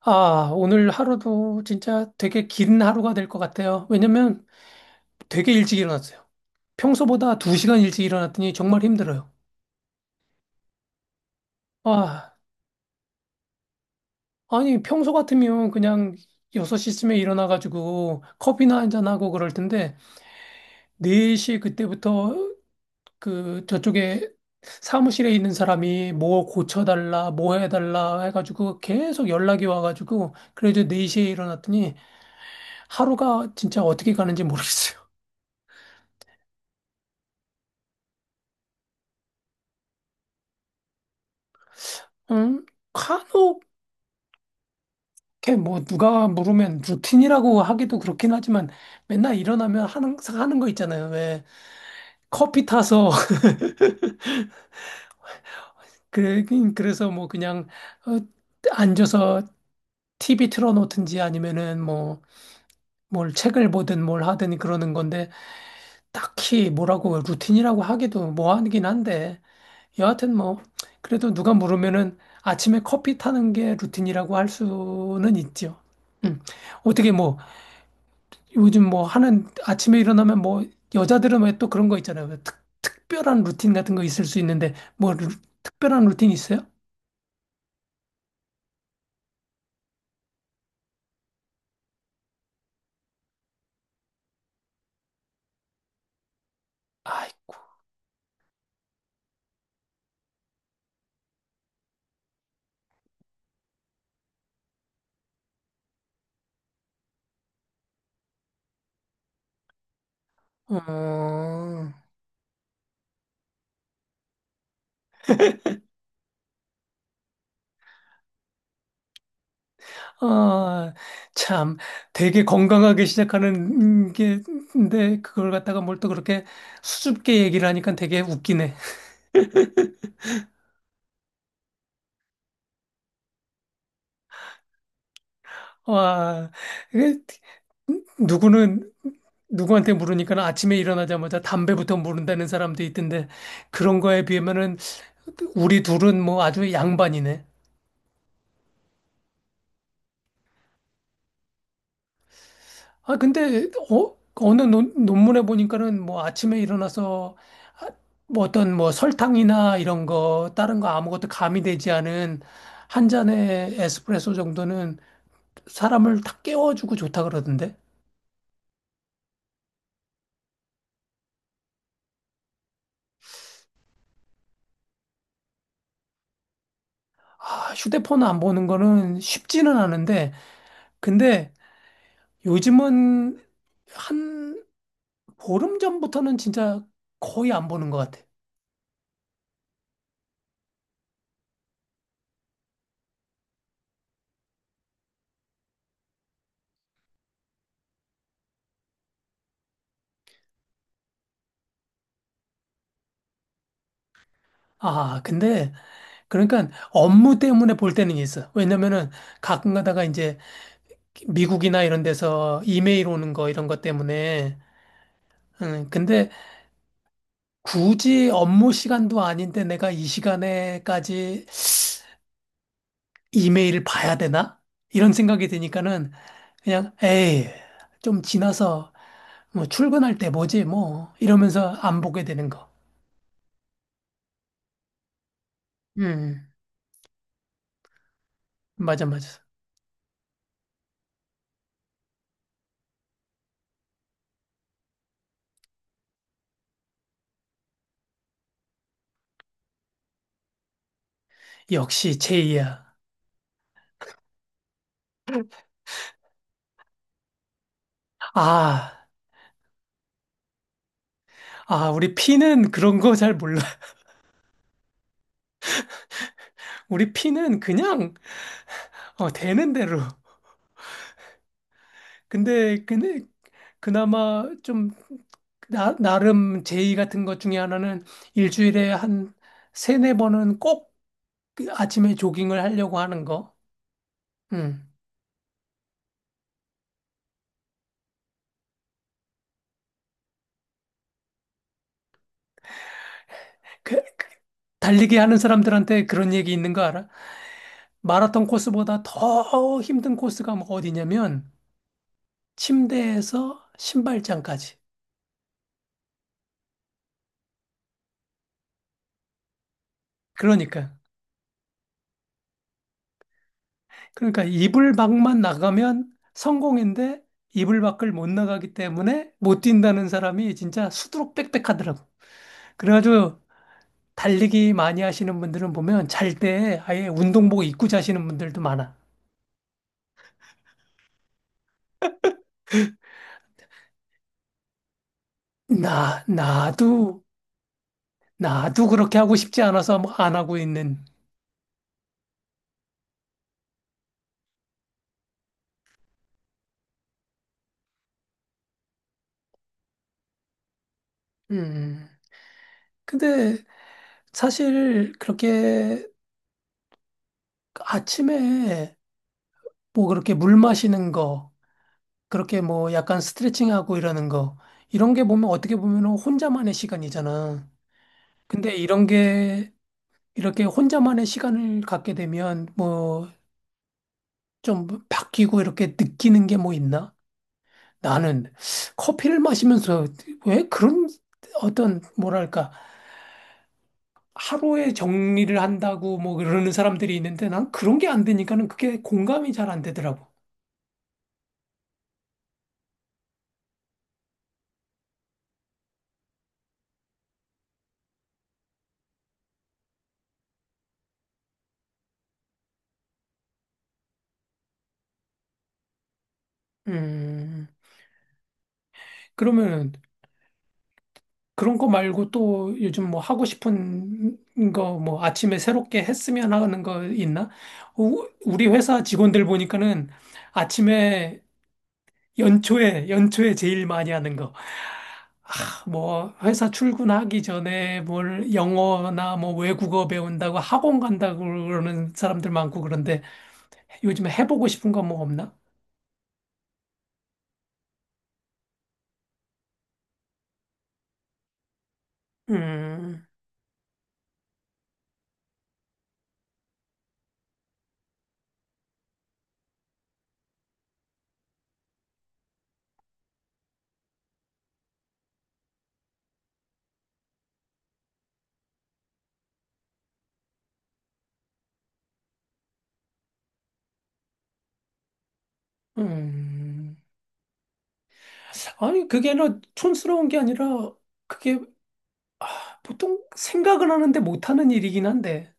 아, 오늘 하루도 진짜 되게 긴 하루가 될 것 같아요. 왜냐면 되게 일찍 일어났어요. 평소보다 2시간 일찍 일어났더니 정말 힘들어요. 아, 아니, 평소 같으면 그냥 6시쯤에 일어나가지고 커피나 한잔하고 그럴 텐데, 4시 그때부터 그 저쪽에 사무실에 있는 사람이 뭐 고쳐달라, 뭐 해달라 해가지고 계속 연락이 와가지고, 그래도 4시에 일어났더니 하루가 진짜 어떻게 가는지 모르겠어요. 응? 간혹 이렇게 뭐 누가 물으면 루틴이라고 하기도 그렇긴 하지만 맨날 일어나면 하는 항상 하는 거 있잖아요. 왜 커피 타서 그 그래서 뭐 그냥 어, 앉아서 TV 틀어놓든지 아니면은 뭐 뭘 책을 보든 뭘 하든 그러는 건데 딱히 뭐라고 루틴이라고 하기도 뭐 하긴 한데 여하튼 뭐 그래도 누가 물으면은 아침에 커피 타는 게 루틴이라고 할 수는 있죠. 음. 어떻게 뭐 요즘 뭐 하는 아침에 일어나면 뭐 여자들은 왜 또 그런 거 있잖아요. 왜 특별한 루틴 같은 거 있을 수 있는데 뭐 특별한 루틴 있어요? 아이고. 어, 아, 참, 되게 건강하게 시작하는 게, 근데 그걸 갖다가 뭘 또 그렇게 수줍게 얘기를 하니까 되게 웃기네. 와, 이게 누구는, 누구한테 물으니까 아침에 일어나자마자 담배부터 물은다는 사람도 있던데, 그런 거에 비하면은 우리 둘은 뭐 아주 양반이네. 아, 근데, 어느 논문에 보니까는 뭐 아침에 일어나서 아, 뭐 어떤 뭐 설탕이나 이런 거, 다른 거 아무것도 가미되지 않은 한 잔의 에스프레소 정도는 사람을 탁 깨워주고 좋다 그러던데. 아, 휴대폰 안 보는 거는 쉽지는 않은데, 근데 요즘은 한 보름 전부터는 진짜 거의 안 보는 것 같아. 아, 근데 그러니까 업무 때문에 볼 때는 있어. 왜냐면은 가끔 가다가 이제 미국이나 이런 데서 이메일 오는 거 이런 것 때문에. 근데 굳이 업무 시간도 아닌데 내가 이 시간에까지 이메일을 봐야 되나? 이런 생각이 드니까는 그냥 에이, 좀 지나서 뭐 출근할 때 보지 뭐 이러면서 안 보게 되는 거. 음, 맞아, 맞아. 역시 제이야. 아, 우리 피는 그런 거 잘 몰라. 우리 피는 그냥 되는 대로. 근데, 근데, 그나마 좀, 나름 제의 같은 것 중에 하나는 일주일에 한 세네 번은 꼭그 아침에 조깅을 하려고 하는 거. 음. 그 달리기 하는 사람들한테 그런 얘기 있는 거 알아? 마라톤 코스보다 더 힘든 코스가 뭐 어디냐면, 침대에서 신발장까지. 그러니까. 그러니까 이불 밖만 나가면 성공인데 이불 밖을 못 나가기 때문에 못 뛴다는 사람이 진짜 수두룩 빽빽하더라고. 그래가지고 달리기 많이 하시는 분들은 보면 잘 때 아예 운동복 입고 자시는 분들도 많아. 나, 나도, 나도 그렇게 하고 싶지 않아서 뭐안 하고 있는. 음. 근데 사실 그렇게 아침에 뭐 그렇게 물 마시는 거 그렇게 뭐 약간 스트레칭하고 이러는 거 이런 게 보면 어떻게 보면 혼자만의 시간이잖아. 근데 이런 게 이렇게 혼자만의 시간을 갖게 되면 뭐 좀 바뀌고 이렇게 느끼는 게 뭐 있나? 나는 커피를 마시면서 왜 그런 어떤 뭐랄까 하루에 정리를 한다고 뭐 그러는 사람들이 있는데 난 그런 게 안 되니까는 그게 공감이 잘 안 되더라고. 음. 그러면 그런 거 말고 또 요즘 뭐 하고 싶은 거 뭐 아침에 새롭게 했으면 하는 거 있나? 우리 회사 직원들 보니까는 아침에 연초에 연초에 제일 많이 하는 거. 아, 뭐 회사 출근하기 전에 뭘 영어나 뭐 외국어 배운다고 학원 간다고 그러는 사람들 많고 그런데 요즘에 해보고 싶은 거 뭐 없나? 음, 음. 아니, 그게 너 촌스러운 게 아니라 그게 보통 생각은 하는데 못하는 일이긴 한데,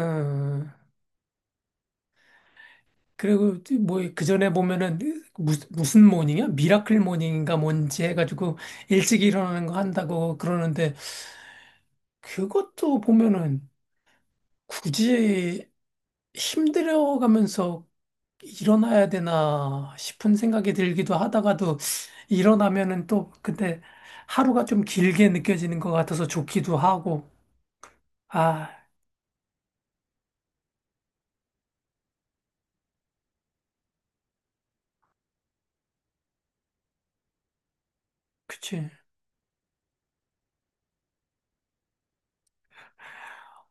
어, 그리고 뭐 그 전에 보면은 무슨 모닝이야? 미라클 모닝인가 뭔지 해가지고 일찍 일어나는 거 한다고 그러는데 그것도 보면은 굳이 힘들어가면서 일어나야 되나 싶은 생각이 들기도 하다가도 일어나면은 또 근데 하루가 좀 길게 느껴지는 것 같아서 좋기도 하고, 아, 그치.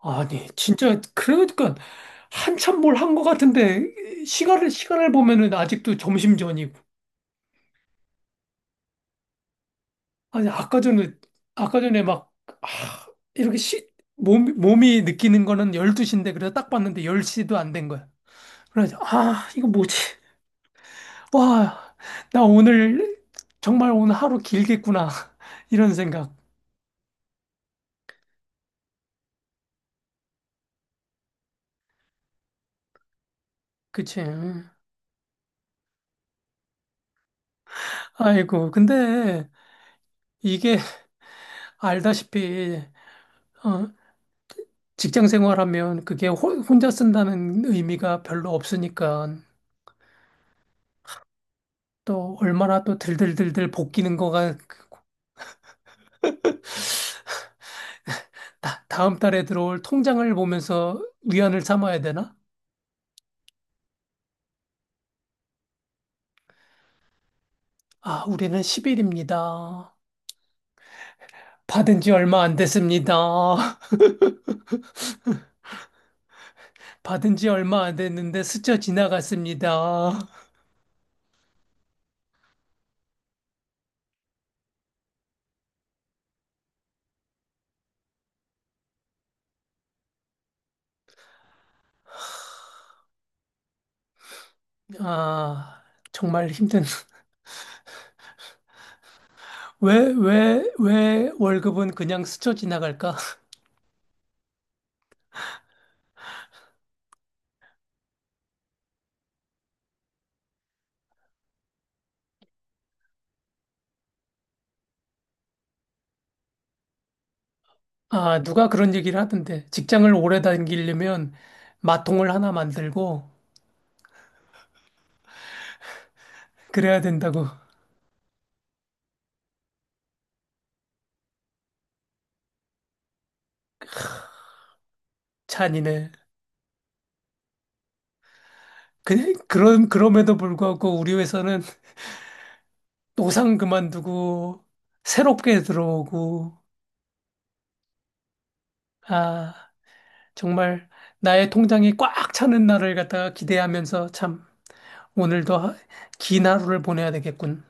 아니, 진짜, 그러니까, 한참 뭘 한 것 같은데, 시간을 보면은 아직도 점심 전이고. 아니, 아까 전에, 아까 전에 막, 아, 이렇게 시, 몸이 느끼는 거는 열두 시인데 그래서 딱 봤는데 열 시도 안 된 거야. 그래서, 아, 이거 뭐지? 와, 나 오늘, 정말 오늘 하루 길겠구나. 이런 생각. 그치. 응. 아이고, 근데, 이게 알다시피, 어, 직장 생활하면 그게 혼자 쓴다는 의미가 별로 없으니까 또 얼마나 또 들들들들 볶이는 거가. 다음 달에 들어올 통장을 보면서 위안을 삼아야 되나? 아, 우리는 10일입니다. 받은 지 얼마 안 됐습니다. 받은 지 얼마 안 됐는데 스쳐 지나갔습니다. 아, 정말 힘든. 왜 월급은 그냥 스쳐 지나갈까? 아, 누가 그런 얘기를 하던데. 직장을 오래 다니려면 마통을 하나 만들고 그래야 된다고. 찬이네. 그, 그런, 그럼에도 불구하고 우리 회사는 노상 그만두고 새롭게 들어오고, 아, 정말 나의 통장이 꽉 차는 날을 갖다가 기대하면서 참 오늘도 긴 하루를 보내야 되겠군.